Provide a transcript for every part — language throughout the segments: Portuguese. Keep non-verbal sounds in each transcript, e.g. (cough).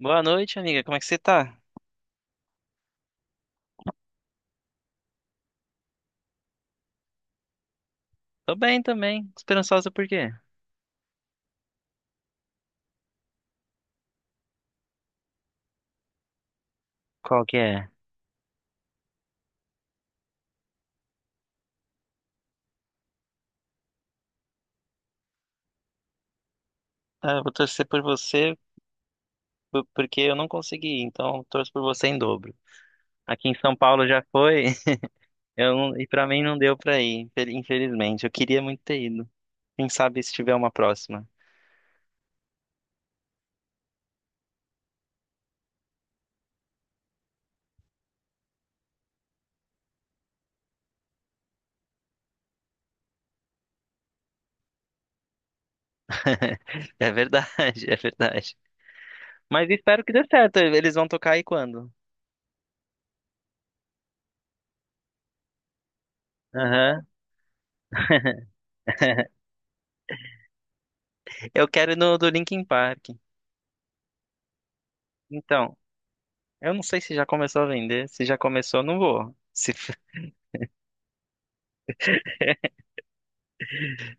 Boa noite, amiga. Como é que você tá? Tô bem também. Esperançosa por quê? Qual que é? Ah, eu vou torcer por você porque eu não consegui ir, então eu torço por você em dobro. Aqui em São Paulo já foi, (laughs) eu não- e pra mim não deu pra ir, infelizmente. Eu queria muito ter ido. Quem sabe se tiver uma próxima. (laughs) É verdade, é verdade. Mas espero que dê certo. Eles vão tocar aí quando? Aham. (laughs) Eu quero ir no do Linkin Park. Então, eu não sei se já começou a vender. Se já começou, eu não vou. Se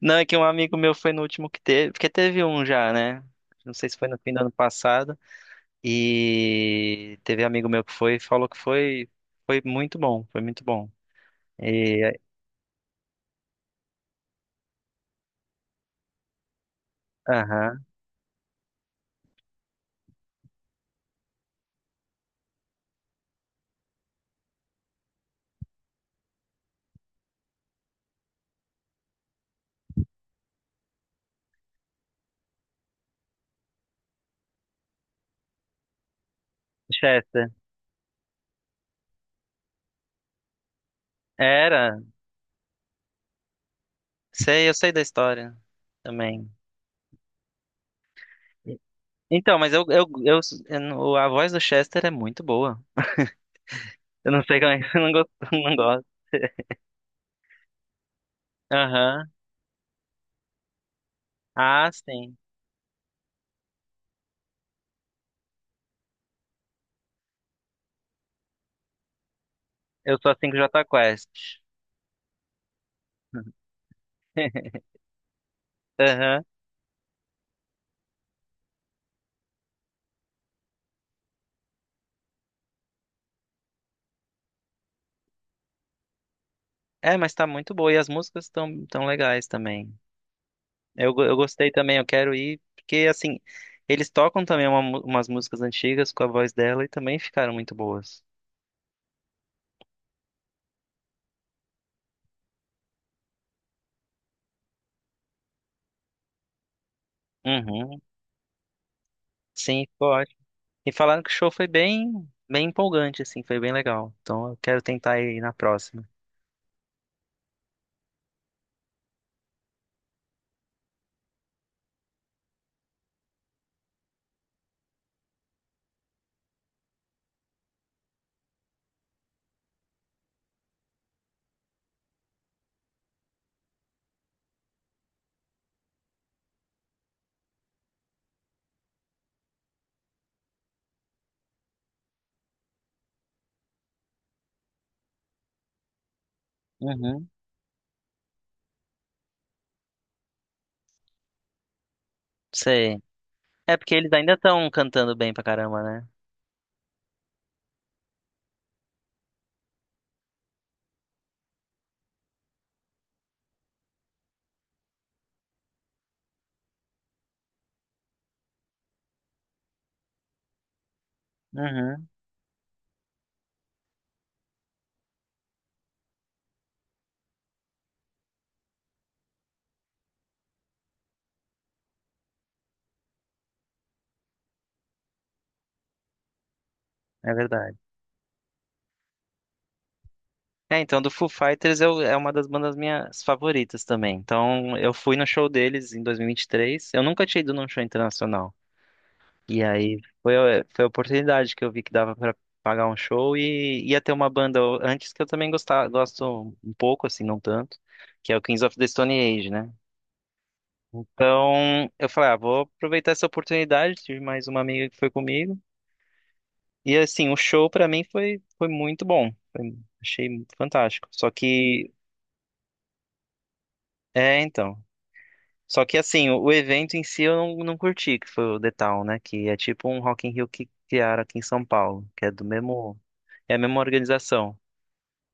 não, é que um amigo meu foi no último que teve, porque teve um já, né? Não sei se foi no fim do ano passado. E teve amigo meu que foi e falou que foi, foi muito bom, foi muito bom. E aham, Chester. Era, sei, eu sei da história também. Então, mas eu não- a voz do Chester é muito boa. Eu não sei como é que (laughs) eu não gosto. Não gosto. Aham. Ah, sim. Eu sou assim com Jota Quest. Aham. É, mas tá muito boa. E as músicas estão tão tão legais também. Eu gostei também, eu quero ir, porque assim, eles tocam também umas músicas antigas com a voz dela e também ficaram muito boas. Uhum, sim, ficou ótimo. E falaram que o show foi bem, bem empolgante, assim, foi bem legal. Então eu quero tentar ir na próxima. Uhum, sei. É porque eles ainda estão cantando bem pra caramba, né? Uhum, é verdade. É, então do Foo Fighters eu, é uma das bandas minhas favoritas também. Então eu fui no show deles em 2023. Eu nunca tinha ido num show internacional. E aí foi, foi a oportunidade que eu vi que dava pra pagar um show e ia ter uma banda antes que eu também gostava, gosto um pouco, assim, não tanto, que é o Kings of the Stone Age, né? Então eu falei, ah, vou aproveitar essa oportunidade, tive mais uma amiga que foi comigo. E assim, o show pra mim foi muito bom. Achei fantástico. Só que, é, então. Só que assim, o evento em si eu não curti, que foi o The Town, né? Que é tipo um Rock in Rio que criaram aqui em São Paulo, que é do mesmo. É a mesma organização.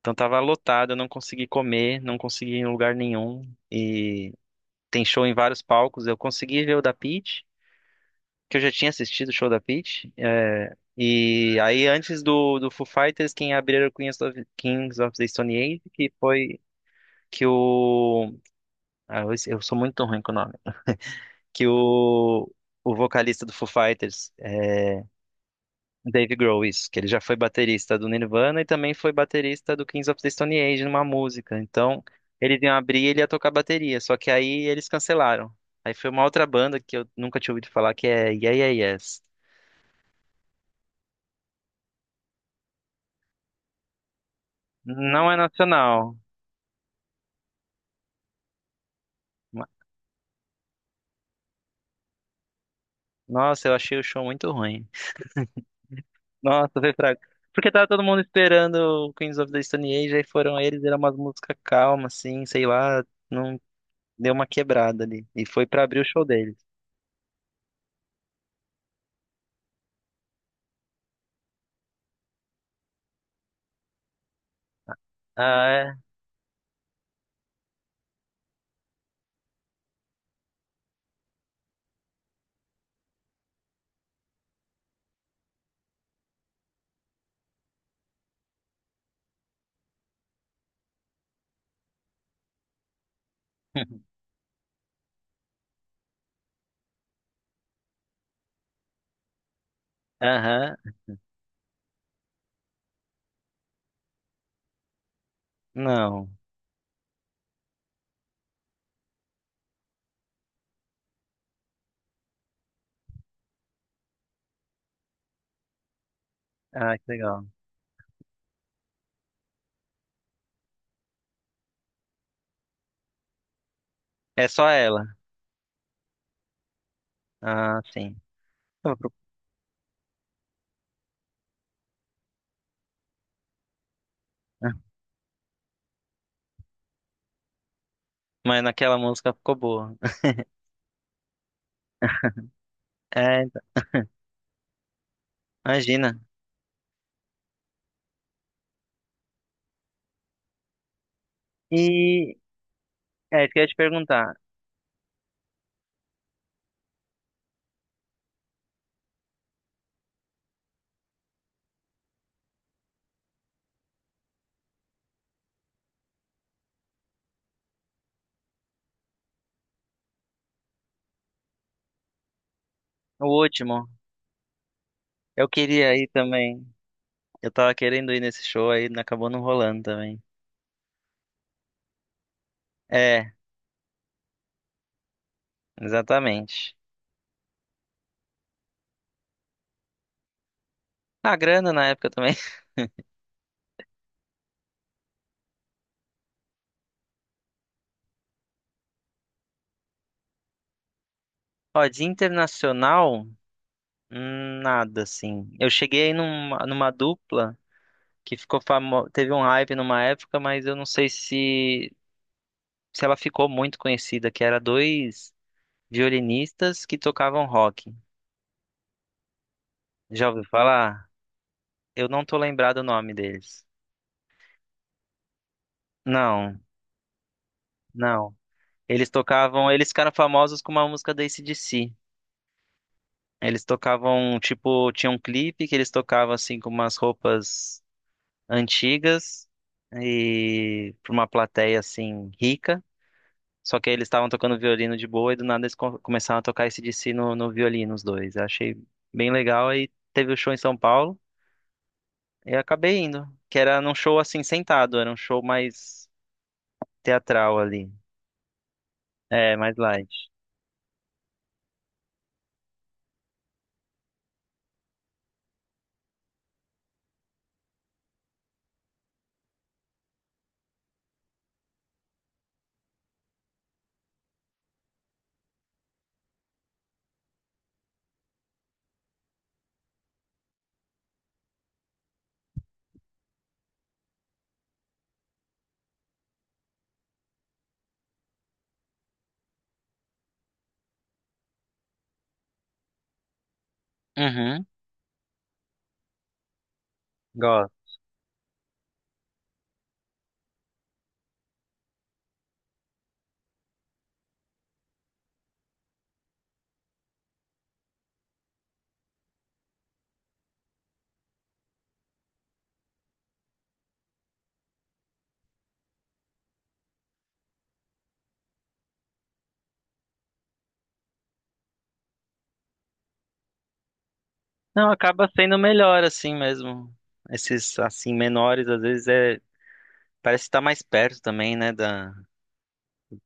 Então tava lotado, eu não consegui comer, não consegui ir em lugar nenhum. E tem show em vários palcos. Eu consegui ver o da Pitty, que eu já tinha assistido o show da Pitty. É, e aí antes do Foo Fighters, quem abriu era o Queens of, Kings of the Stone Age, que foi que o... Ah, eu sou muito ruim com o nome. Que o vocalista do Foo Fighters... é, Dave Grohl, isso, que ele já foi baterista do Nirvana e também foi baterista do Kings of the Stone Age numa música. Então, eles iam abrir e ele ia tocar bateria, só que aí eles cancelaram. Aí foi uma outra banda que eu nunca tinha ouvido falar, que é Yeah Yeah Yes. Não é nacional. Ma- Nossa, eu achei o show muito ruim. Nossa, foi fraco. Porque tava todo mundo esperando o Kings of the Stone Age, aí foram eles, era uma música calma, assim, sei lá, não deu uma quebrada ali. E foi pra abrir o show deles. Ah, é? (laughs) Aham, não. Ah, que legal. É só ela. Ah, sim. Tava preocupada. Mas naquela música ficou boa. É, então, imagina. E é, isso que eu te perguntar. O último, eu queria ir também. Eu tava querendo ir nesse show aí, acabou não rolando também. É, exatamente. A grana na época também. (laughs) Ó, de internacional, nada assim. Eu cheguei numa dupla que ficou famosa, teve um hype numa época, mas eu não sei se ela ficou muito conhecida, que era dois violinistas que tocavam rock. Já ouviu falar? Eu não tô lembrado o nome deles. Não, não. Eles tocavam, eles ficaram famosos com uma música da AC/DC. Eles tocavam, tipo, tinha um clipe que eles tocavam assim com umas roupas antigas e pra uma plateia assim rica. Só que aí eles estavam tocando violino de boa e do nada eles começaram a tocar AC/DC no violino, os dois. Eu achei bem legal e teve o show em São Paulo. Eu acabei indo, que era num show assim sentado, era um show mais teatral ali. É, mais light. Uhum, gosto. Não, acaba sendo melhor assim mesmo. Esses assim menores às vezes é parece estar mais perto também, né, da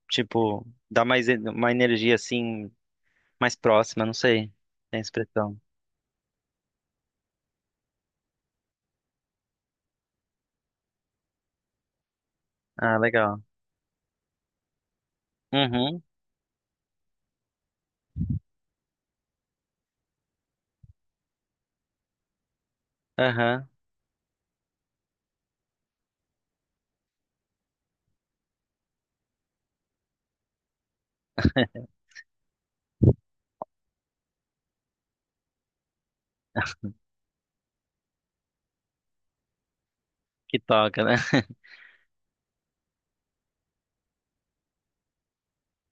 tipo, uma energia assim mais próxima, não sei. Tem expressão. Ah, legal. Uhum. Aham. Que toca, né? (laughs)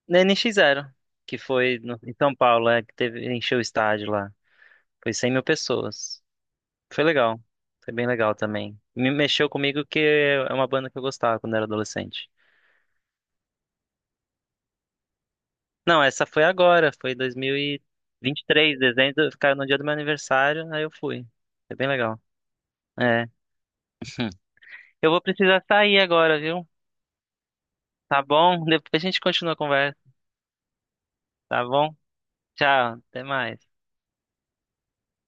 Na NX Zero, que foi em São Paulo, é que teve encheu o estádio lá. Foi 100 mil pessoas. Foi legal. Foi bem legal também. Me mexeu comigo que é uma banda que eu gostava quando era adolescente. Não, essa foi agora, foi 2023, dezembro, ficaram no dia do meu aniversário, aí eu fui. Foi bem legal. É. Eu vou precisar sair agora, viu? Tá bom? Depois a gente continua a conversa, tá bom? Tchau, até mais.